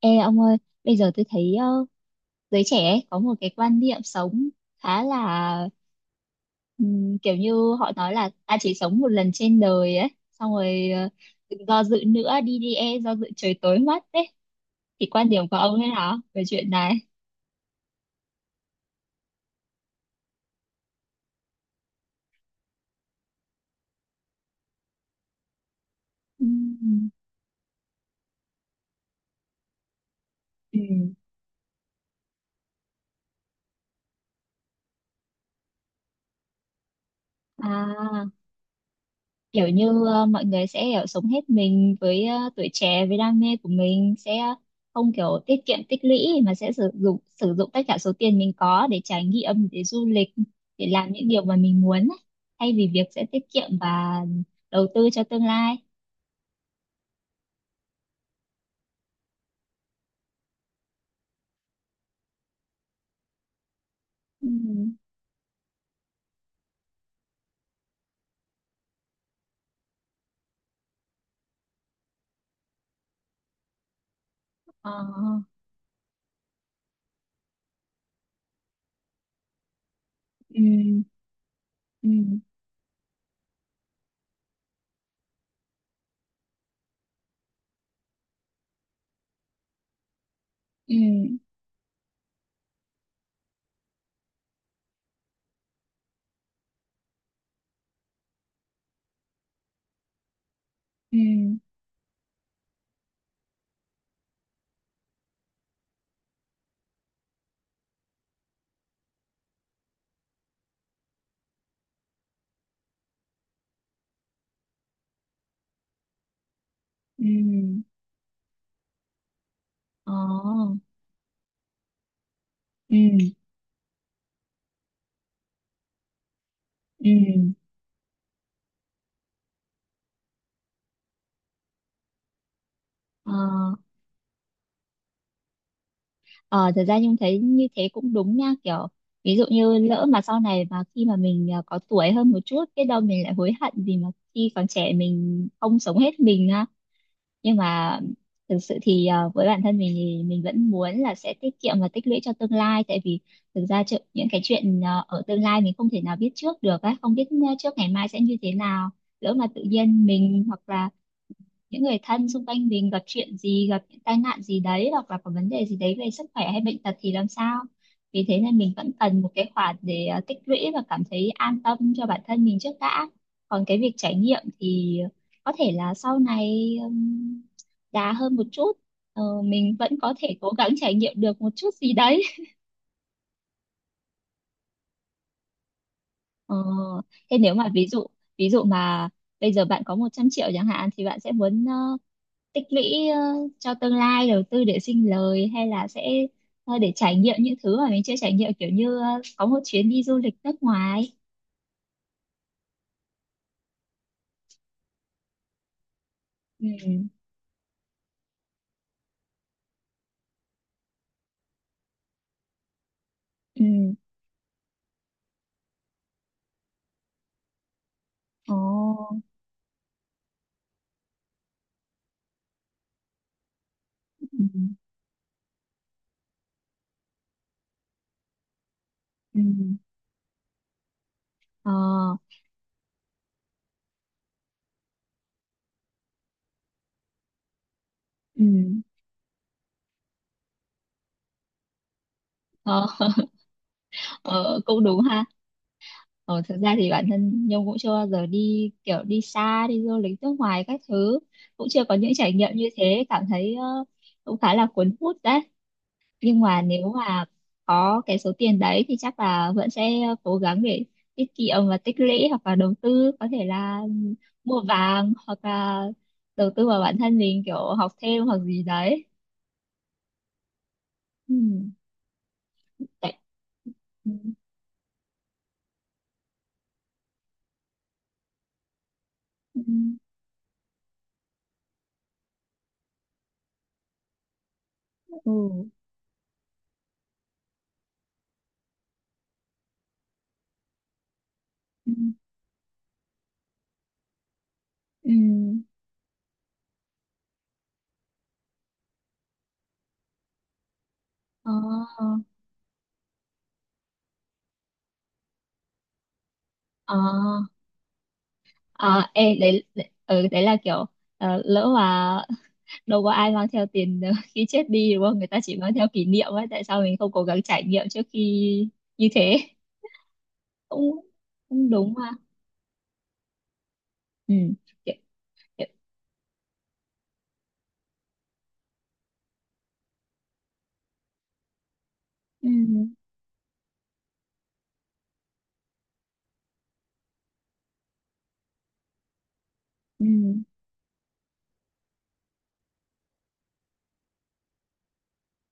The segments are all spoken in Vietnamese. Ê ông ơi, bây giờ tôi thấy giới trẻ ấy có một cái quan niệm sống khá là kiểu như họ nói là ta chỉ sống một lần trên đời ấy, xong rồi đừng do dự nữa, đi đi, e do dự trời tối mất đấy. Thì quan điểm của ông thế nào về chuyện này? Ừm. Ừ. À, kiểu như mọi người sẽ kiểu sống hết mình với tuổi trẻ với đam mê của mình, sẽ không kiểu tiết kiệm tích lũy mà sẽ sử dụng tất cả số tiền mình có để trải nghiệm, để du lịch, để làm những điều mà mình muốn ấy, thay vì việc sẽ tiết kiệm và đầu tư cho tương lai. Ừ. Ờ, ừ, ừ, ừ, ừ, ừ, ờ, ừ, ừ, ờ. Ờ, thật ra Nhung thấy như thế cũng đúng nha, kiểu ví dụ như lỡ mà sau này, mà khi mà mình có tuổi hơn một chút, biết đâu mình lại hối hận vì mà khi còn trẻ mình không sống hết mình ha, nhưng mà thực sự thì với bản thân mình thì mình vẫn muốn là sẽ tiết kiệm và tích lũy cho tương lai, tại vì thực ra những cái chuyện ở tương lai mình không thể nào biết trước được á, không biết trước ngày mai sẽ như thế nào, lỡ mà tự nhiên mình hoặc là những người thân xung quanh mình gặp chuyện gì, gặp những tai nạn gì đấy hoặc là có vấn đề gì đấy về sức khỏe hay bệnh tật thì làm sao, vì thế nên mình vẫn cần một cái khoản để tích lũy và cảm thấy an tâm cho bản thân mình trước đã. Còn cái việc trải nghiệm thì có thể là sau này đà hơn một chút. Ờ, mình vẫn có thể cố gắng trải nghiệm được một chút gì đấy. Ờ, thế nếu mà ví dụ, ví dụ mà bây giờ bạn có 100 triệu chẳng hạn thì bạn sẽ muốn tích lũy cho tương lai, đầu tư để sinh lời, hay là sẽ để trải nghiệm những thứ mà mình chưa trải nghiệm, kiểu như có một chuyến đi du lịch nước ngoài. Ừ. Ừ. Ồ. Ừ. Ừ. Ờ. Ừ. Ờ. Ờ, cũng đúng ha. Ờ, thực ra thì bản thân Nhung cũng chưa bao giờ đi kiểu đi xa, đi du lịch nước ngoài các thứ, cũng chưa có những trải nghiệm như thế, cảm thấy cũng khá là cuốn hút đấy. Nhưng mà nếu mà có cái số tiền đấy thì chắc là vẫn sẽ cố gắng để tiết kiệm và tích lũy hoặc là đầu tư, có thể là mua vàng hoặc là đầu tư vào bản thân mình, kiểu học thêm hoặc gì đấy. Ừ. Tại... Ừ. Ừ. Ừ. Ừ. Ừ. Ờ. Ờ. Ờ. Ê, đấy, đấy, ừ, đấy là kiểu lỡ mà đâu có ai mang theo tiền khi chết đi đúng không? Người ta chỉ mang theo kỷ niệm ấy. Tại sao mình không cố gắng trải nghiệm trước khi như thế? Cũng cũng đúng ha. Ừ. Kiểu- kiểu- ừ, ừ,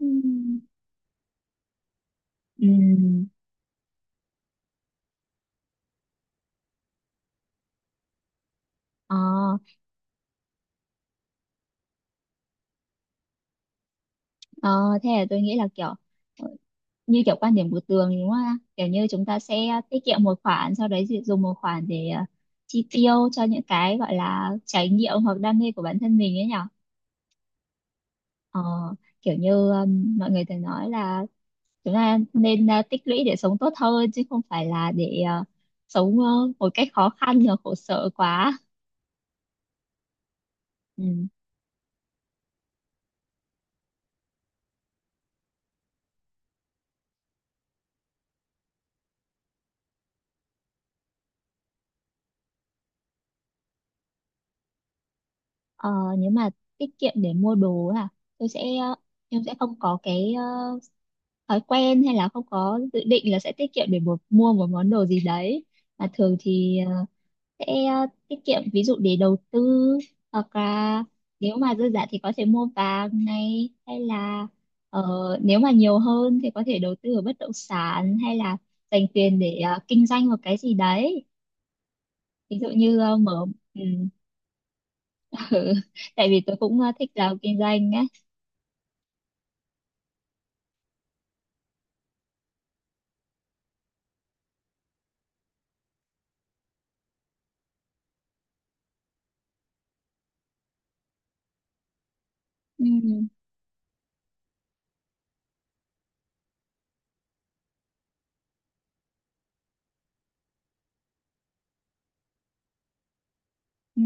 ừ, ừ, ờ, ờ, thế là tôi nghĩ là kiểu ờ, như kiểu quan điểm của Tường đúng không ạ? Kiểu như chúng ta sẽ tiết kiệm một khoản, sau đấy thì dùng một khoản để chi tiêu cho những cái gọi là trải nghiệm hoặc đam mê của bản thân mình ấy nhở. Ờ, kiểu như mọi người thường nói là chúng ta nên tích lũy để sống tốt hơn chứ không phải là để sống một cách khó khăn và khổ sở quá. Ừ. Ờ, nếu mà tiết kiệm để mua đồ à, tôi sẽ em sẽ không có cái thói quen hay là không có dự định là sẽ tiết kiệm để một, mua một món đồ gì đấy, mà thường thì sẽ tiết kiệm ví dụ để đầu tư, hoặc là nếu mà dư giả thì có thể mua vàng này, hay là ờ, nếu mà nhiều hơn thì có thể đầu tư ở bất động sản, hay là dành tiền để kinh doanh một cái gì đấy, ví dụ như mở ừ. Tại vì tôi cũng thích làm kinh doanh. Ừ. Ừ.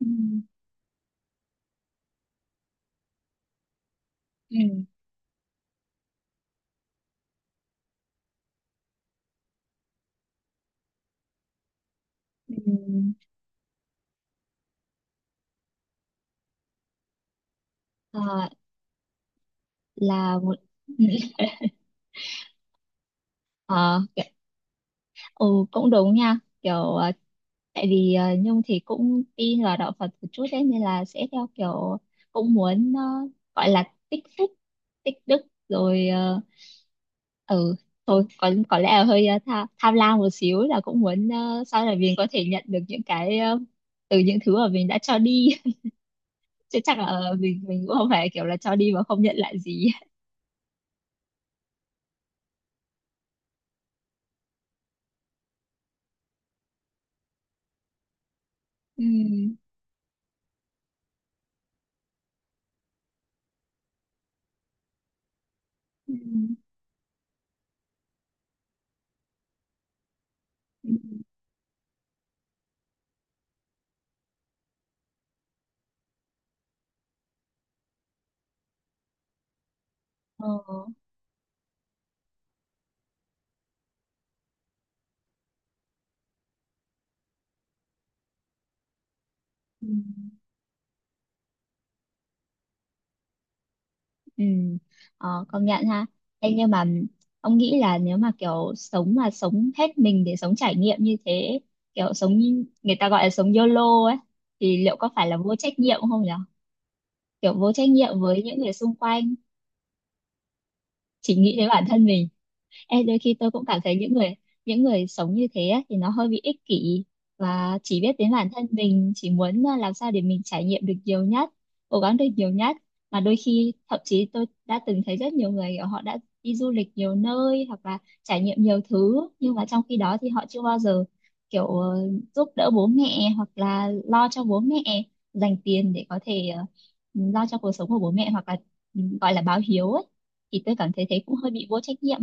Ừ. Ừ. Ừ. Ờ, là một. Ờ cái- ừ, cũng đúng nha, kiểu tại vì Nhung thì cũng tin vào đạo Phật một chút đấy nên là sẽ theo kiểu, cũng muốn gọi là tích phúc, tích đức rồi, ờ, ừ, thôi có lẽ là hơi tham lam một xíu, là cũng muốn sau này mình có thể nhận được những cái từ những thứ mà mình đã cho đi, chứ chắc là mình cũng không phải kiểu là cho đi mà không nhận lại gì. Ừ. Ừ. Ừ. Ờ. Ừ. Ừ. Ờ, công nhận ha. Ê, nhưng mà ông nghĩ là nếu mà kiểu sống mà sống hết mình để sống trải nghiệm như thế, kiểu sống như- người ta gọi là sống YOLO ấy, thì liệu có phải là vô trách nhiệm không nhỉ, kiểu vô trách nhiệm với những người xung quanh, chỉ nghĩ đến bản thân mình. Ê, đôi khi tôi cũng cảm thấy những người, những người sống như thế á, thì nó hơi bị ích kỷ và chỉ biết đến bản thân mình, chỉ muốn à, làm sao để mình trải nghiệm được nhiều nhất, cố gắng được nhiều nhất, mà đôi khi thậm chí tôi đã từng thấy rất nhiều người kiểu họ đã đi du lịch nhiều nơi hoặc là trải nghiệm nhiều thứ, nhưng mà trong khi đó thì họ chưa bao giờ kiểu giúp đỡ bố mẹ hoặc là lo cho bố mẹ, dành tiền để có thể lo cho cuộc sống của bố mẹ hoặc là ừ, gọi là báo hiếu ấy, thì tôi cảm thấy thế cũng hơi bị vô trách nhiệm.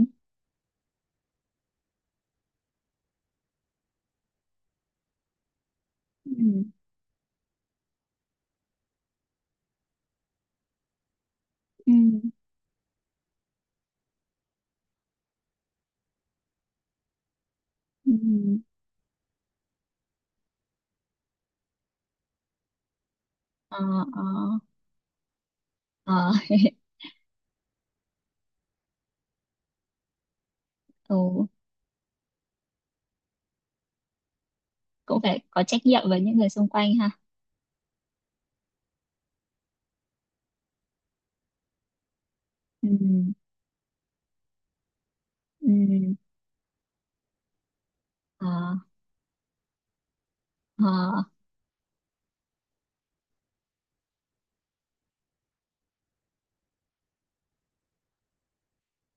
Ừ. Ừ. Ừ. Ờ. Ờ. Ờ. Ừ. Cũng phải có trách nhiệm với những người xung quanh ha. Ừ. Ừ. Ờ. Ờ.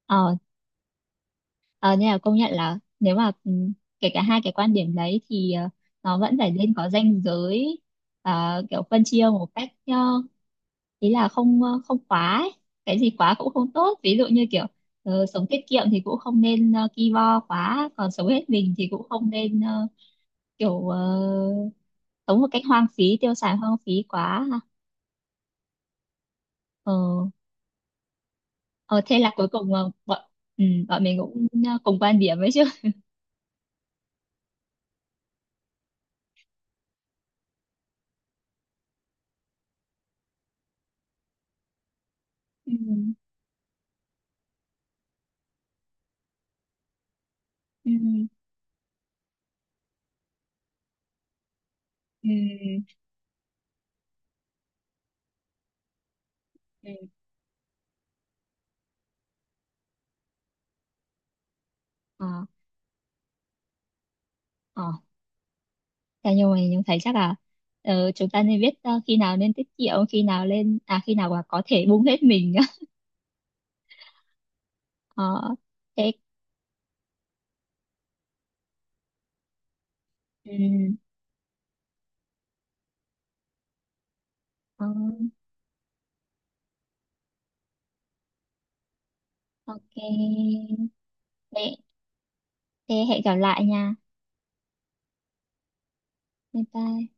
Ờ. Ờ nên là công nhận là nếu mà ừ, kể cả hai cái quan điểm đấy thì nó vẫn phải nên có ranh giới, ờ, kiểu phân chia một cách ý là không không quá ấy. Cái gì quá cũng không tốt, ví dụ như kiểu sống tiết kiệm thì cũng không nên ki bo quá, còn sống hết mình thì cũng không nên kiểu sống một cách hoang phí, tiêu xài hoang phí quá ha. Ờ, ờ, thế là cuối cùng bọn ừ, bọn mình cũng cùng quan điểm ấy chứ. Ừ, ừ, ừ, ừ. Ờ, ờ. Thế nhưng mà mình thấy chắc là chúng ta nên biết khi nào nên tiết kiệm, khi nào lên à, khi nào mà có thể bung hết mình. Ờ, thế ừ, ờ, ok, thế, thế hẹn gặp lại nha. Bye bye.